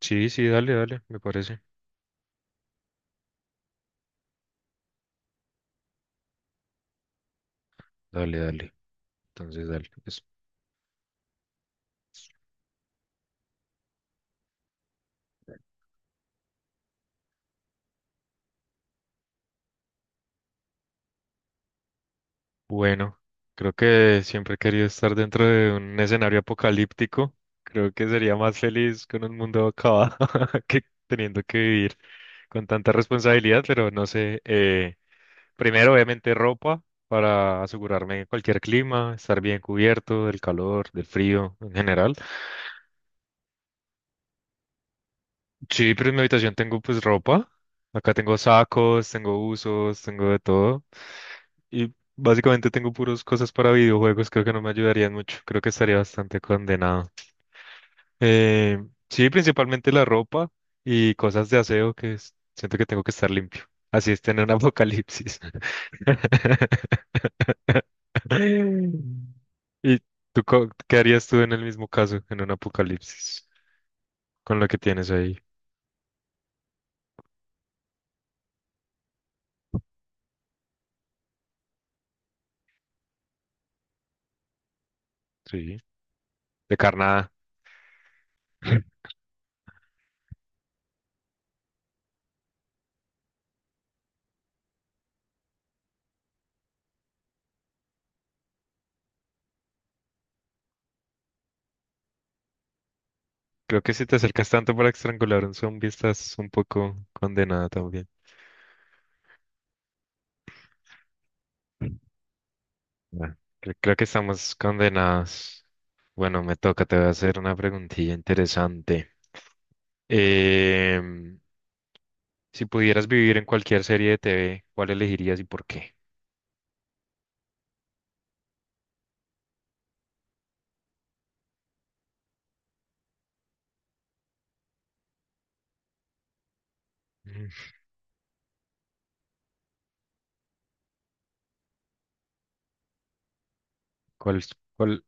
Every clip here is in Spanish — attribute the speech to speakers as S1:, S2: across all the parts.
S1: Sí, sí, dale, dale, me parece. Dale, dale. Entonces, dale. Es bueno, creo que siempre he querido estar dentro de un escenario apocalíptico. Creo que sería más feliz con un mundo acabado que teniendo que vivir con tanta responsabilidad, pero no sé. Primero, obviamente, ropa para asegurarme de cualquier clima, estar bien cubierto del calor, del frío en general. Sí, pero en mi habitación tengo pues ropa. Acá tengo sacos, tengo usos, tengo de todo. Y básicamente tengo puras cosas para videojuegos. Creo que no me ayudarían mucho. Creo que estaría bastante condenado. Eh, sí, principalmente la ropa y cosas de aseo siento que tengo que estar limpio. Así es tener un apocalipsis. ¿Y qué harías tú en el mismo caso, en un apocalipsis, con lo que tienes ahí? Sí, de carnada. Creo que si te acercas tanto para estrangular a un zombie, estás un poco condenada también. Bueno, creo que estamos condenados. Bueno, me toca, te voy a hacer una preguntilla interesante. Em, si pudieras vivir en cualquier serie de TV, ¿cuál elegirías y por qué? Mm. ¿Cuál, cuál?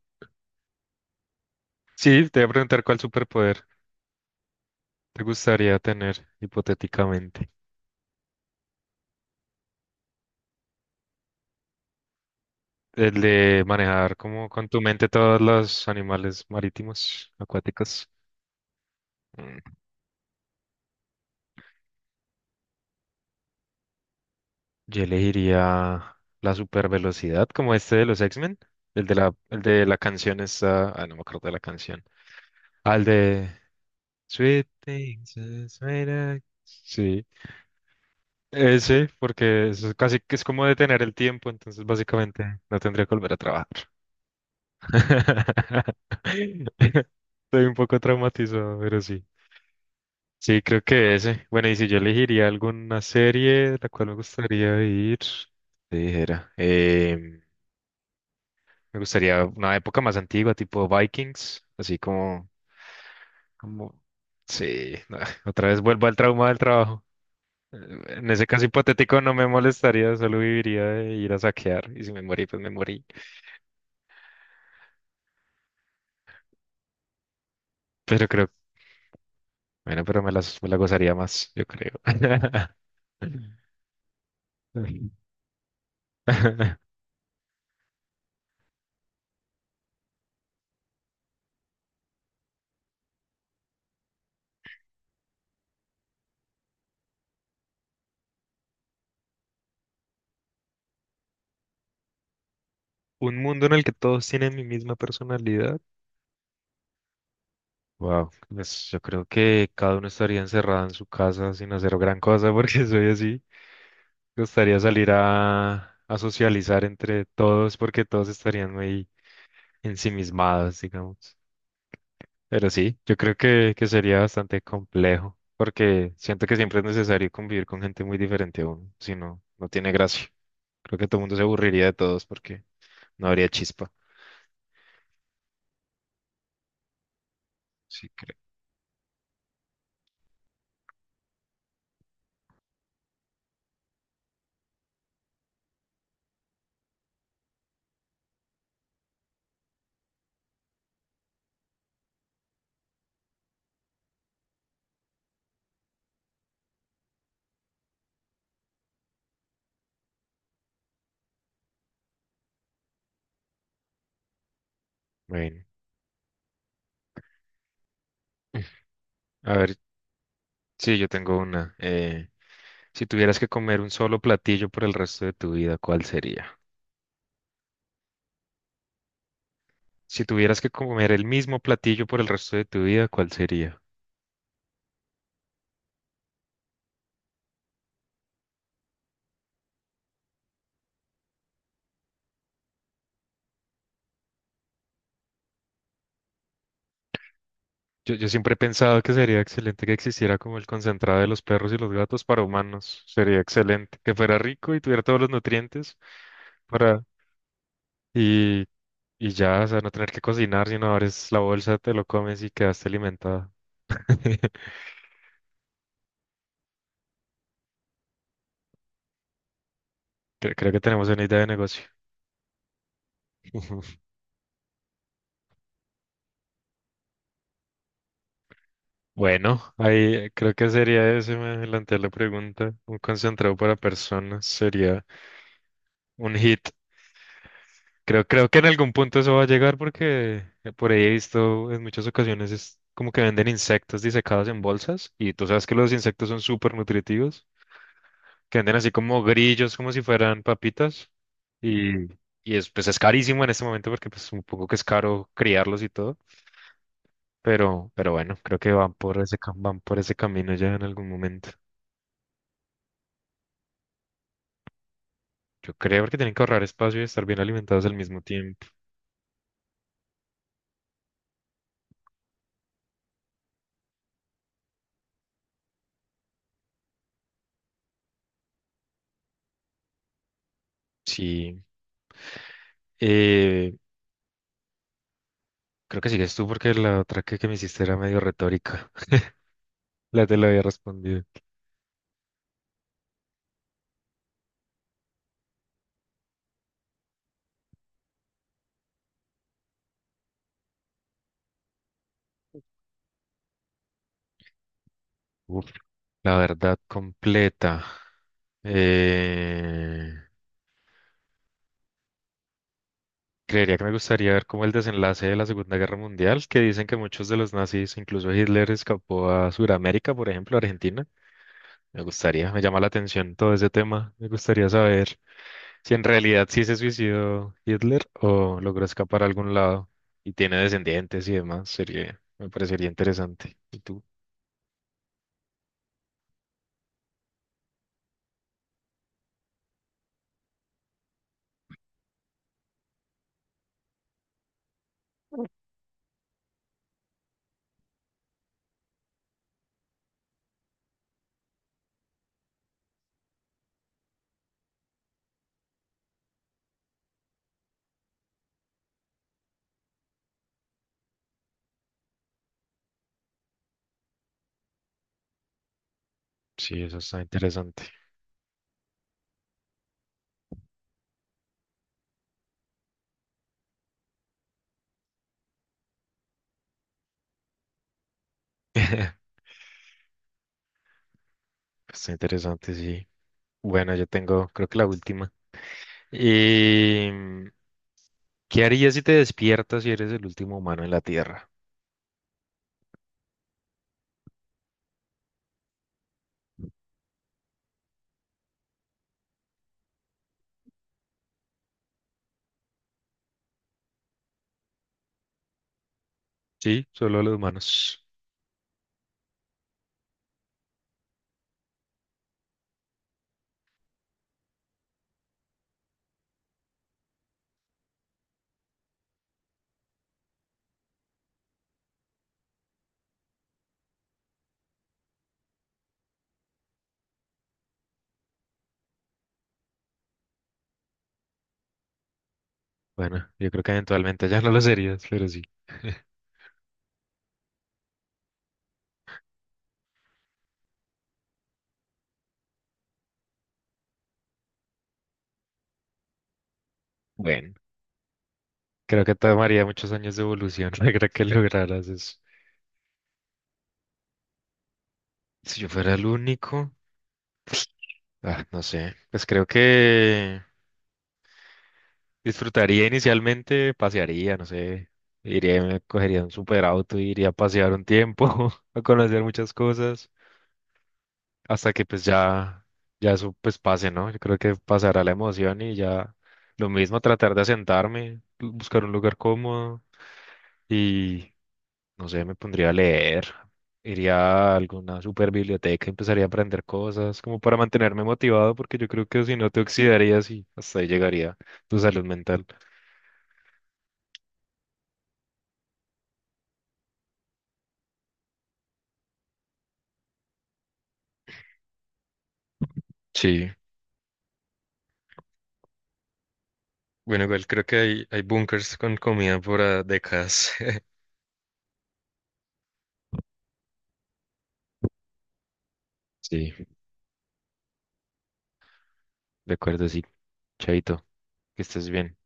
S1: Sí, te voy a preguntar cuál superpoder te gustaría tener hipotéticamente. El de manejar como con tu mente todos los animales marítimos, acuáticos. Mm. Yo elegiría la super velocidad, como este de los X-Men, el de la canción esa, ah, no me acuerdo de la canción, al de Sweet Things, is made of- sí, ese, porque eso es casi que es como detener el tiempo, entonces básicamente no tendría que volver a trabajar. Estoy un poco traumatizado, pero sí. Sí, creo que ese. Bueno, y si yo elegiría alguna serie de la cual me gustaría ir, te dijera. Me gustaría una época más antigua, tipo Vikings, así como, como, sí, no, otra vez vuelvo al trauma del trabajo. En ese caso hipotético no me molestaría, solo viviría de ir a saquear y si me morí, pues me morí. Pero creo, bueno, pero me la gozaría más, yo creo. Un mundo en el que todos tienen mi misma personalidad. Wow, pues yo creo que cada uno estaría encerrado en su casa sin hacer gran cosa porque soy así. Me gustaría salir a socializar entre todos porque todos estarían muy ensimismados, digamos. Pero sí, yo creo que sería bastante complejo porque siento que siempre es necesario convivir con gente muy diferente a uno, si no, no tiene gracia. Creo que todo el mundo se aburriría de todos porque no habría chispa. Sí, creo. Bueno, a ver, sí, yo tengo una. Si tuvieras que comer un solo platillo por el resto de tu vida, ¿cuál sería? Si tuvieras que comer el mismo platillo por el resto de tu vida, ¿cuál sería? Yo siempre he pensado que sería excelente que existiera como el concentrado de los perros y los gatos para humanos. Sería excelente. Que fuera rico y tuviera todos los nutrientes para... Y, y ya, o sea, no tener que cocinar, sino abres la bolsa, te lo comes y quedaste alimentado. Creo que tenemos una idea de negocio. Bueno, ahí creo que sería eso, me adelanté a la pregunta. Un concentrado para personas sería un hit. Creo que en algún punto eso va a llegar porque por ahí he visto en muchas ocasiones es como que venden insectos disecados en bolsas y tú sabes que los insectos son súper nutritivos, que venden así como grillos, como si fueran papitas y, y es, pues es carísimo en este momento porque pues un poco que es caro criarlos y todo, pero bueno, creo que van por van por ese camino ya en algún momento. Yo creo que tienen que ahorrar espacio y estar bien alimentados al mismo tiempo. Sí. Eh, Creo que sigues tú porque que me hiciste era medio retórica. La te la había respondido. Uf, la verdad completa. Eh, Creería que me gustaría ver como el desenlace de la Segunda Guerra Mundial, que dicen que muchos de los nazis, incluso Hitler, escapó a Sudamérica, por ejemplo, Argentina. Me gustaría, me llama la atención todo ese tema. Me gustaría saber si en realidad sí se suicidó Hitler o logró escapar a algún lado y tiene descendientes y demás. Sería, me parecería interesante. ¿Y tú? Sí, eso está interesante. Está interesante, sí. Bueno, yo tengo, creo que la última. Y, mm, ¿qué harías si te despiertas y eres el último humano en la Tierra? Sí, solo los humanos. Bueno, yo creo que eventualmente ya no lo serías, pero sí. Bueno, creo que tomaría muchos años de evolución para que lograras eso. Si yo fuera el único, ah, no sé, pues creo que disfrutaría inicialmente, pasearía, no sé, iría, me cogería un super auto, iría a pasear un tiempo, a conocer muchas cosas, hasta que pues ya, ya eso pues pase, ¿no? Yo creo que pasará la emoción y ya lo mismo, tratar de asentarme, buscar un lugar cómodo y, no sé, me pondría a leer, iría a alguna super biblioteca, empezaría a aprender cosas, como para mantenerme motivado, porque yo creo que si no te oxidarías y hasta ahí llegaría tu salud mental. Sí. Bueno, igual creo que hay bunkers con comida por ah, décadas. Sí, de acuerdo, sí. Chaito, que estés bien.